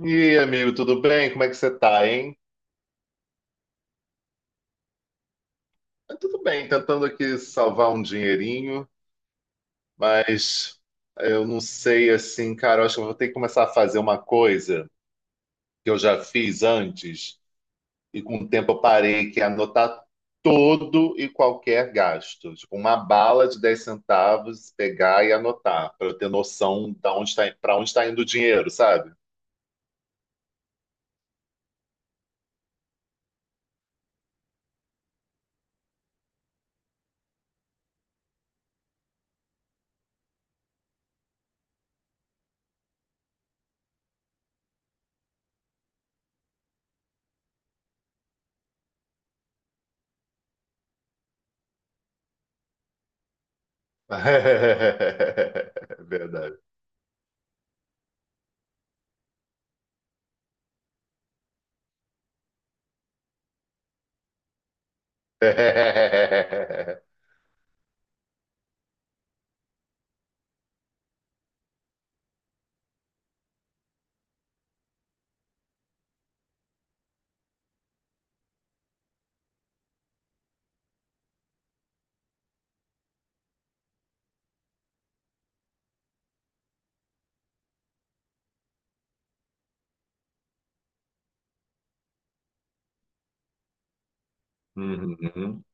E aí, amigo, tudo bem? Como é que você tá, hein? Ah, tudo bem, tentando aqui salvar um dinheirinho, mas eu não sei assim, cara, eu acho que eu vou ter que começar a fazer uma coisa que eu já fiz antes e com o tempo eu parei, que é anotar todo e qualquer gasto. Tipo, uma bala de 10 centavos, pegar e anotar, para eu ter noção de onde tá, para onde está indo o dinheiro, sabe? É verdade. Uhum, uhum.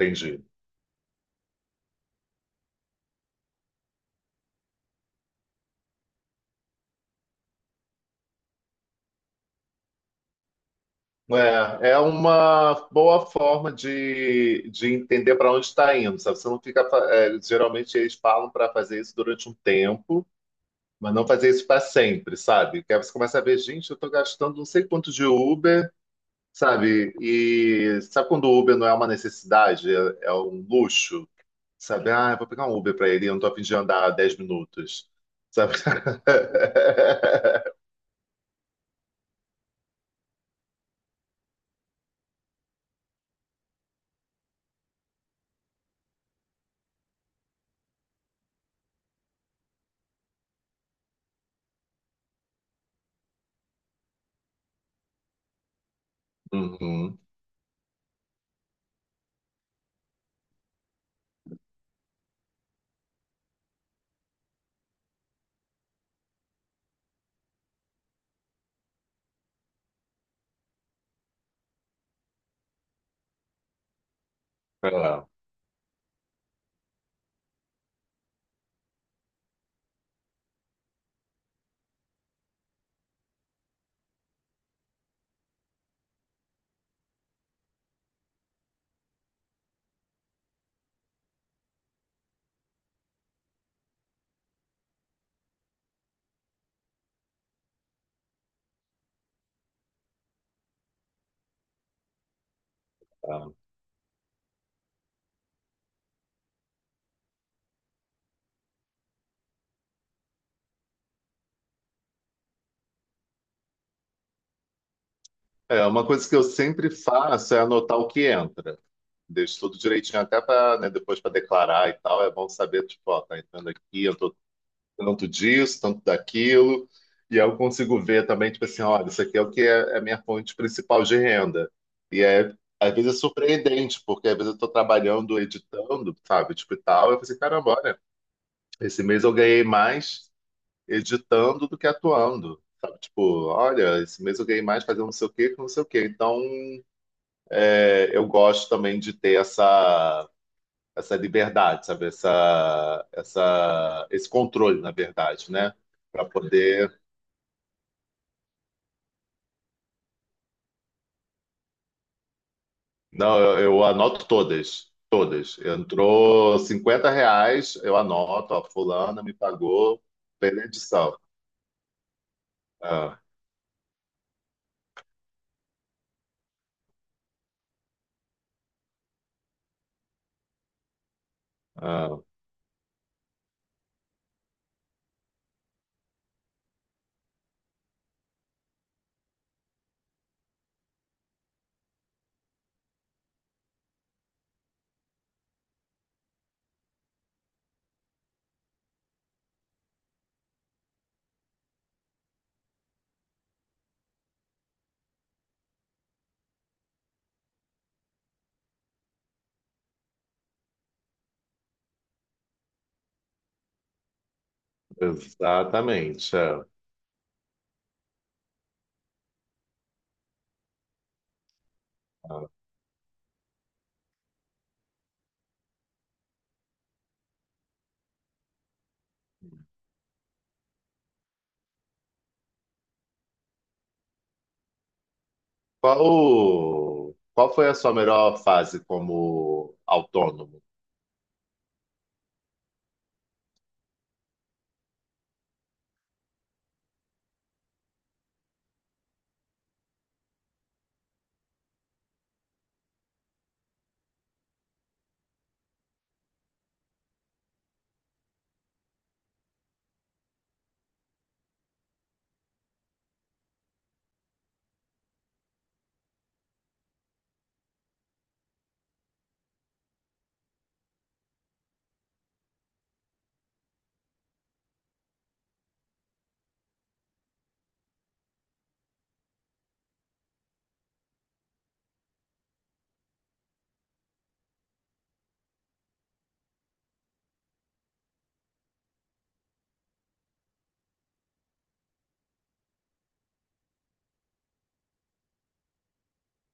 Entendi. É, é uma boa forma de entender para onde está indo, sabe? Você não fica. Geralmente eles falam para fazer isso durante um tempo, mas não fazer isso para sempre, sabe? Porque aí você começa a ver, gente, eu estou gastando não sei quanto de Uber, sabe? E sabe quando o Uber não é uma necessidade, é um luxo, sabe? Ah, eu vou pegar um Uber para ele, eu não estou a fim de andar 10 minutos, sabe? Uhum, é, é. É, uma coisa que eu sempre faço é anotar o que entra. Deixo tudo direitinho até para, depois para declarar e tal. É bom saber, tipo, ó, tá entrando aqui, eu tô tanto disso, tanto daquilo. E aí eu consigo ver também, tipo assim, olha, isso aqui é o que é a minha fonte principal de renda. E é, às vezes é surpreendente, porque às vezes eu tô trabalhando, editando, sabe, tipo e tal. Eu pensei, caramba, olha, esse mês eu ganhei mais editando do que atuando. Sabe, tipo, olha, esse mês eu ganhei mais fazendo não sei o quê que não sei o quê. Então, é, eu gosto também de ter essa liberdade, sabe? Esse controle, na verdade, né? Para poder. Não, eu anoto todas. Todas. Entrou R$ 50, eu anoto, ó, fulana me pagou pela edição. Ah, ah, exatamente. É. Ah. Qual foi a sua melhor fase como autônomo?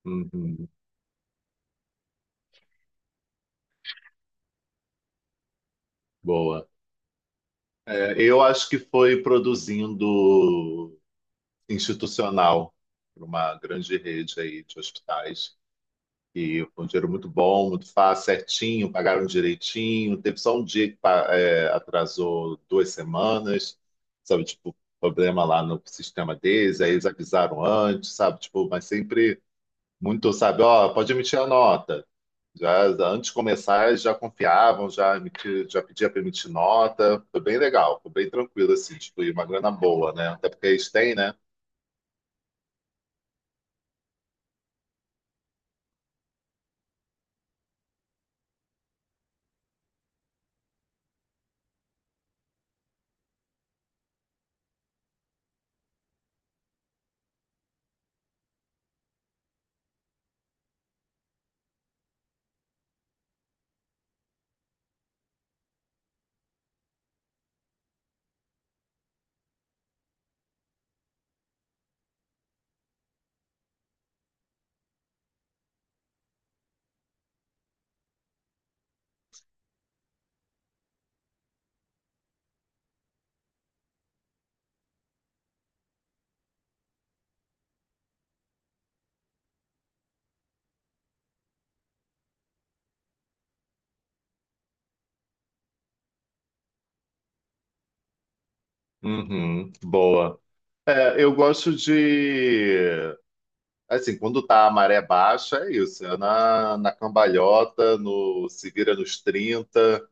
Uhum, boa. É, eu acho que foi produzindo institucional para uma grande rede aí de hospitais. E foi um dinheiro muito bom, muito fácil, certinho, pagaram direitinho. Teve só um dia que atrasou 2 semanas, sabe? Tipo, problema lá no sistema deles, aí eles avisaram antes, sabe? Tipo, mas sempre muito, sabe? Ó, pode emitir a nota. Já antes de começar, já confiavam, já pedia para emitir nota. Foi bem legal, foi bem tranquilo, assim, tipo, e uma grana boa, né? Até porque eles têm, né? Uhum, boa. É, eu gosto de. Assim, quando tá a maré baixa, é isso. É na cambalhota, se vira nos trinta.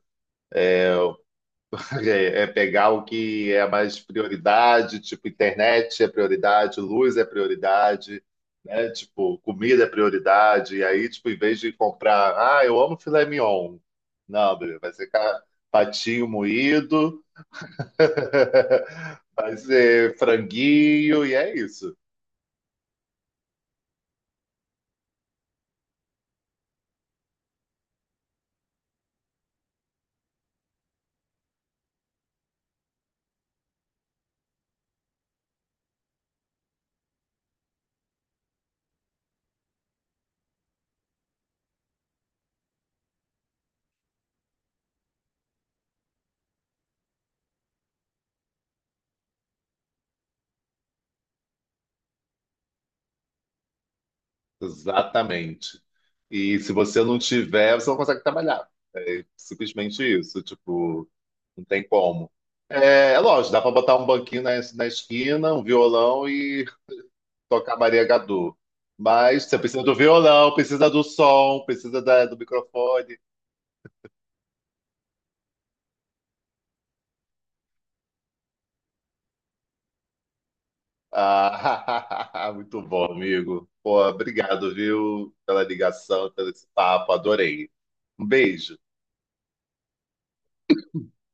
É pegar o que é mais prioridade, tipo, internet é prioridade, luz é prioridade, né? Tipo, comida é prioridade. E aí, tipo, em vez de comprar, ah, eu amo filé mignon. Não, Bruno, vai ser patinho moído, vai ser franguinho, e é isso. Exatamente. E se você não tiver, você não consegue trabalhar. Simplesmente isso, tipo, não tem como. É lógico, dá pra botar um banquinho na esquina, um violão e tocar Maria Gadu. Mas você precisa do violão, precisa do som, precisa do microfone. Ah, muito bom, amigo. Pô, obrigado, viu, pela ligação, pelo esse papo, adorei. Um beijo.